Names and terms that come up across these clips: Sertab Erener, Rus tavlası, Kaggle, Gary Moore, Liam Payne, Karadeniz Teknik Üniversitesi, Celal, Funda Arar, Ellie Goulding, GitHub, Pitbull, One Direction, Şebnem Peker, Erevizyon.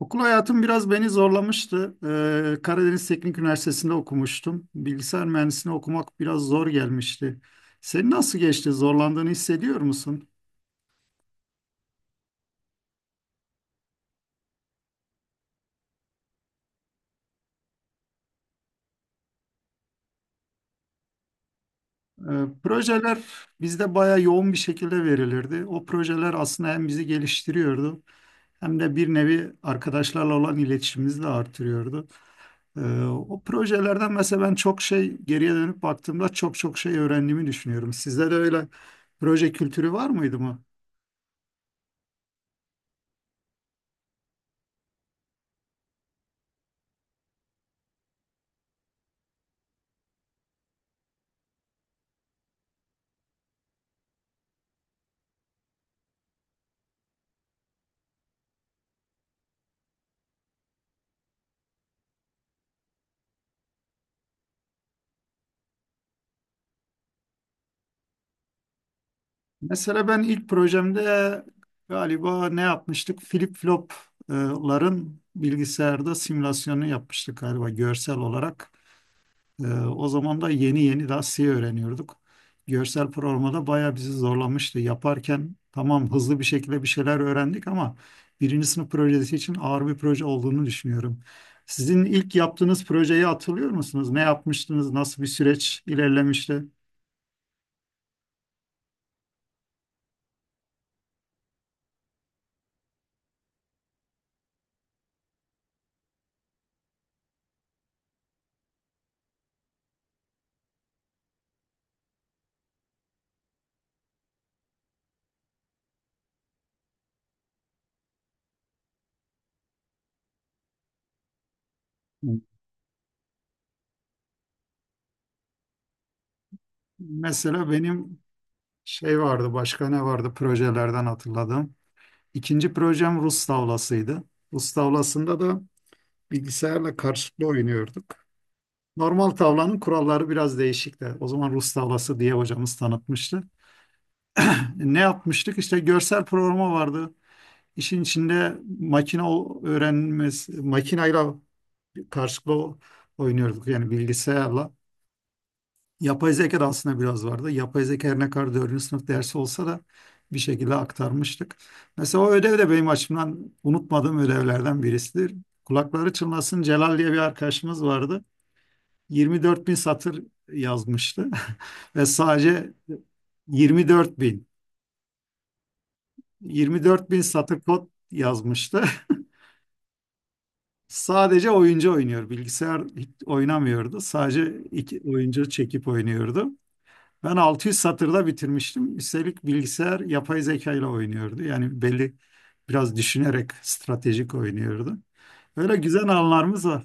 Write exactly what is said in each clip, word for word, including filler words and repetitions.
Okul hayatım biraz beni zorlamıştı. Ee, Karadeniz Teknik Üniversitesi'nde okumuştum. Bilgisayar mühendisliğini okumak biraz zor gelmişti. Senin nasıl geçti? Zorlandığını hissediyor musun? Ee, projeler bizde bayağı yoğun bir şekilde verilirdi. O projeler aslında hem bizi geliştiriyordu hem de bir nevi arkadaşlarla olan iletişimimizi de artırıyordu. Ee, o projelerden mesela ben çok şey geriye dönüp baktığımda çok çok şey öğrendiğimi düşünüyorum. Sizde de öyle proje kültürü var mıydı mı? Mesela ben ilk projemde galiba ne yapmıştık? Flip flopların bilgisayarda simülasyonu yapmıştık galiba görsel olarak. Ee, o zaman da yeni yeni daha C öğreniyorduk. Görsel programda bayağı bizi zorlamıştı. Yaparken tamam hızlı bir şekilde bir şeyler öğrendik ama birinci sınıf projesi için ağır bir proje olduğunu düşünüyorum. Sizin ilk yaptığınız projeyi hatırlıyor musunuz? Ne yapmıştınız? Nasıl bir süreç ilerlemişti? Mesela benim şey vardı, başka ne vardı projelerden hatırladım. İkinci projem Rus tavlasıydı. Rus tavlasında da bilgisayarla karşılıklı oynuyorduk. Normal tavlanın kuralları biraz değişikti. O zaman Rus tavlası diye hocamız tanıtmıştı. Ne yapmıştık? İşte görsel programa vardı. İşin içinde makine öğrenmesi, makinayla karşılıklı o- oynuyorduk. Yani bilgisayarla. Yapay zeka da aslında biraz vardı. Yapay zeka her ne kadar dördüncü sınıf dersi olsa da bir şekilde aktarmıştık. Mesela o ödev de benim açımdan unutmadığım ödevlerden birisidir. Kulakları çınlasın Celal diye bir arkadaşımız vardı. yirmi dört bin satır yazmıştı ve sadece yirmi dört bin yirmi dört bin satır kod yazmıştı. Sadece oyuncu oynuyor. Bilgisayar hiç oynamıyordu. Sadece iki oyuncu çekip oynuyordu. Ben altı yüz satırda bitirmiştim. Üstelik bilgisayar yapay zeka ile oynuyordu. Yani belli biraz düşünerek stratejik oynuyordu. Öyle güzel anılarımız var.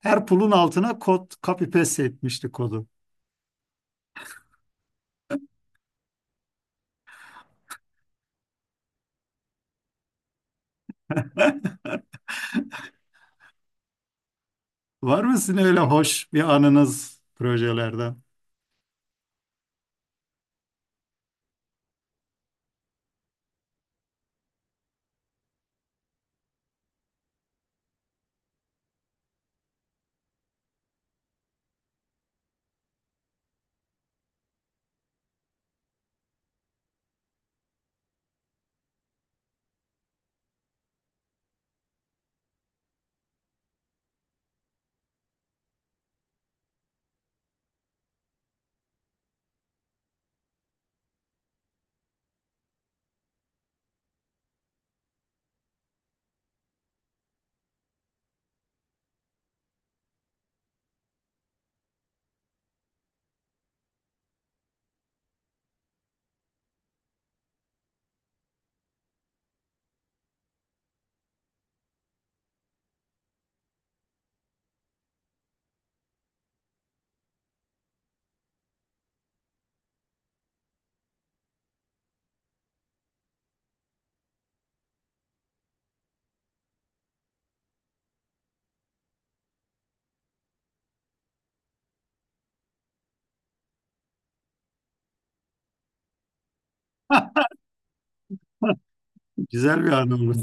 Her pulun altına kod copy paste etmişti kodu. Var mı sizin öyle hoş bir anınız projelerden? Güzel bir anı olur.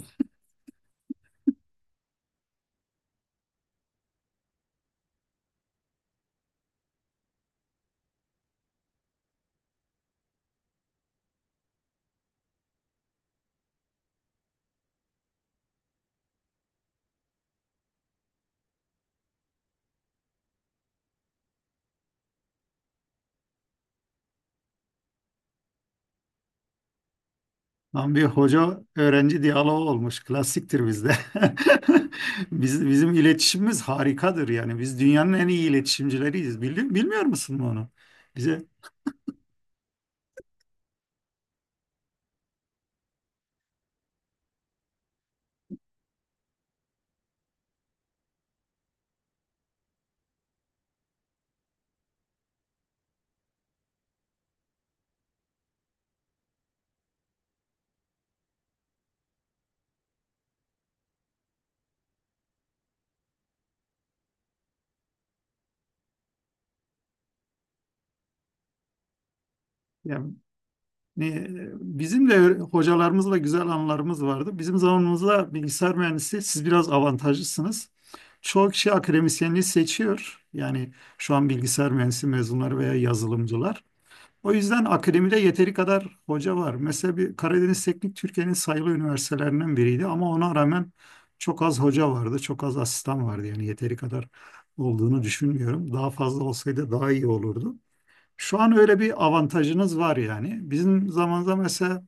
Tam bir hoca öğrenci diyaloğu olmuş. Klasiktir bizde. Biz, bizim iletişimimiz harikadır yani. Biz dünyanın en iyi iletişimcileriyiz. Bili- bilmiyor musun bunu? Bize yani ne- bizim de öyle- hocalarımızla güzel anılarımız vardı. Bizim zamanımızda bilgisayar mühendisi siz biraz avantajlısınız. Çoğu kişi akademisyenliği seçiyor. Yani şu an bilgisayar mühendisi mezunları veya yazılımcılar. O yüzden akademide yeteri kadar hoca var. Mesela bir Karadeniz Teknik Türkiye'nin sayılı üniversitelerinden biriydi ama ona rağmen çok az hoca vardı, çok az asistan vardı. Yani yeteri kadar olduğunu düşünmüyorum. Daha fazla olsaydı daha iyi olurdu. Şu an öyle bir avantajınız var yani. Bizim zamanımızda mesela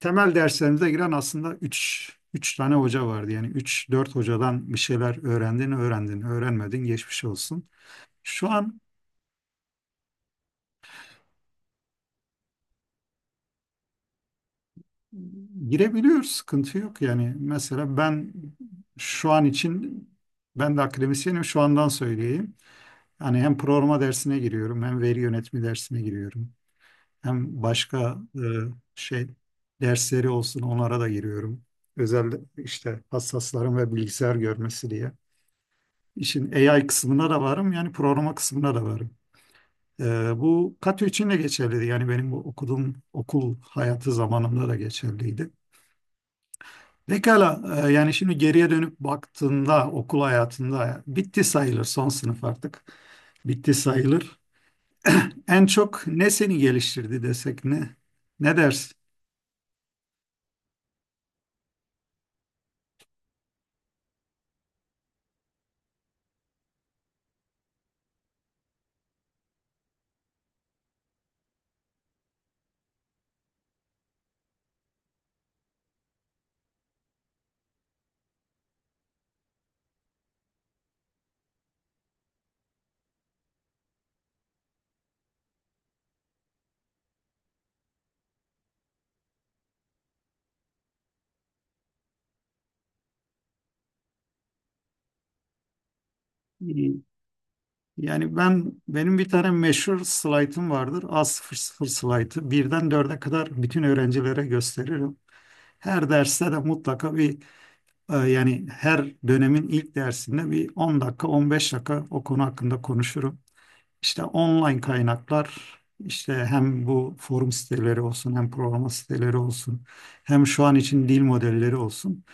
temel derslerimize giren aslında üç üç tane hoca vardı. Yani üç dört hocadan bir şeyler öğrendin, öğrendin, öğrenmedin geçmiş olsun. Şu an. Girebiliyor, sıkıntı yok yani. Mesela ben şu an için ben de akademisyenim şu andan söyleyeyim. Yani hem programa dersine giriyorum, hem veri yönetimi dersine giriyorum. Hem başka e, şey dersleri olsun onlara da giriyorum. Özel işte hassasların ve bilgisayar görmesi diye. İşin A I kısmına da varım yani programa kısmına da varım. E, bu katı için de geçerliydi. Yani benim bu okuduğum okul hayatı zamanımda da geçerliydi. Pekala, e, yani şimdi geriye dönüp baktığında okul hayatında bitti sayılır son sınıf artık. Bitti sayılır. En çok ne seni geliştirdi desek ne? Ne dersin? İyi. Yani ben benim bir tane meşhur slaytım vardır. A sıfır sıfır slaytı. Birden dörde kadar bütün öğrencilere gösteririm. Her derste de mutlaka bir e, yani her dönemin ilk dersinde bir on dakika on beş dakika o konu hakkında konuşurum. İşte online kaynaklar, işte hem bu forum siteleri olsun, hem programa siteleri olsun, hem şu an için dil modelleri olsun.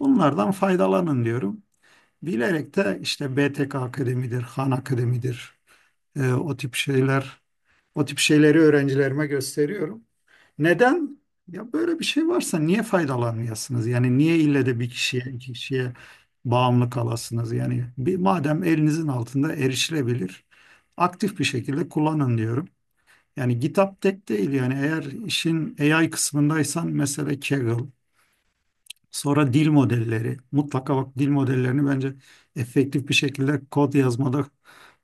Bunlardan faydalanın diyorum. Bilerek de işte B T K Akademi'dir, Han Akademi'dir, e, o tip şeyler o tip şeyleri öğrencilerime gösteriyorum. Neden? Ya böyle bir şey varsa niye faydalanmayasınız? Yani niye ille de bir kişiye, iki kişiye bağımlı kalasınız? Yani bir, madem elinizin altında erişilebilir, aktif bir şekilde kullanın diyorum. Yani GitHub tek değil yani eğer işin A I kısmındaysan mesela Kaggle. Sonra dil modelleri. Mutlaka bak dil modellerini bence efektif bir şekilde kod yazmada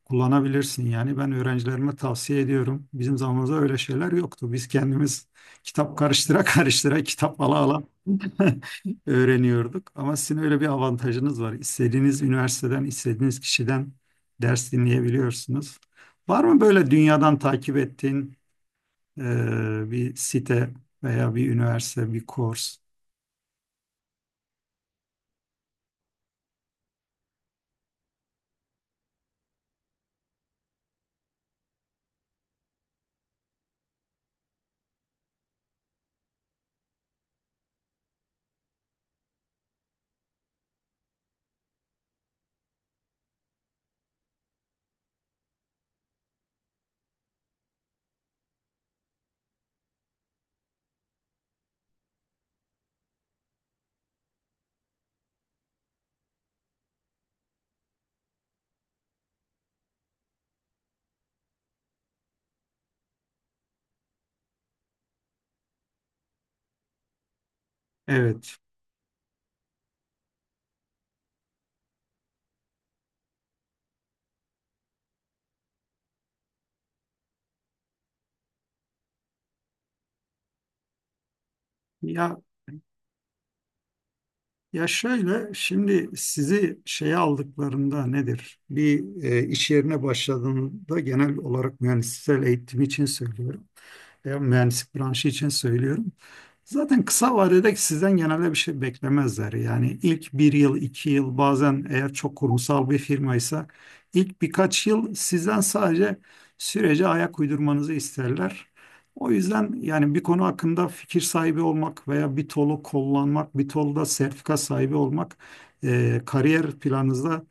kullanabilirsin. Yani ben öğrencilerime tavsiye ediyorum. Bizim zamanımızda öyle şeyler yoktu. Biz kendimiz kitap karıştıra karıştıra kitap ala ala öğreniyorduk. Ama sizin öyle bir avantajınız var. İstediğiniz üniversiteden, istediğiniz kişiden ders dinleyebiliyorsunuz. Var mı böyle dünyadan takip ettiğin e, bir site veya bir üniversite, bir kurs? Evet. Ya Ya şöyle, şimdi sizi şeye aldıklarında nedir? Bir e, iş yerine başladığında genel olarak mühendissel eğitim için söylüyorum. Veya mühendislik branşı için söylüyorum. Zaten kısa vadede sizden genelde bir şey beklemezler. Yani ilk bir yıl, iki yıl bazen eğer çok kurumsal bir firmaysa ilk birkaç yıl sizden sadece sürece ayak uydurmanızı isterler. O yüzden yani bir konu hakkında fikir sahibi olmak veya bir tolu kullanmak, bir tolda sertifika sahibi olmak eee, kariyer planınızda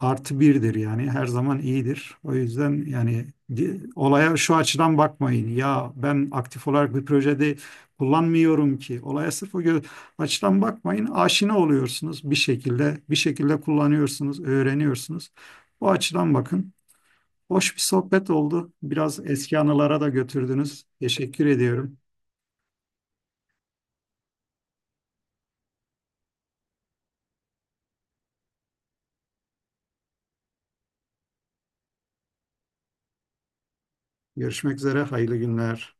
artı birdir yani her zaman iyidir. O yüzden yani di- olaya şu açıdan bakmayın. Ya ben aktif olarak bir projede kullanmıyorum ki. Olaya sırf o gö- açıdan bakmayın. Aşina oluyorsunuz bir şekilde. Bir şekilde kullanıyorsunuz, öğreniyorsunuz. Bu açıdan bakın. Hoş bir sohbet oldu. Biraz eski anılara da götürdünüz. Teşekkür ediyorum. Görüşmek üzere. Hayırlı günler.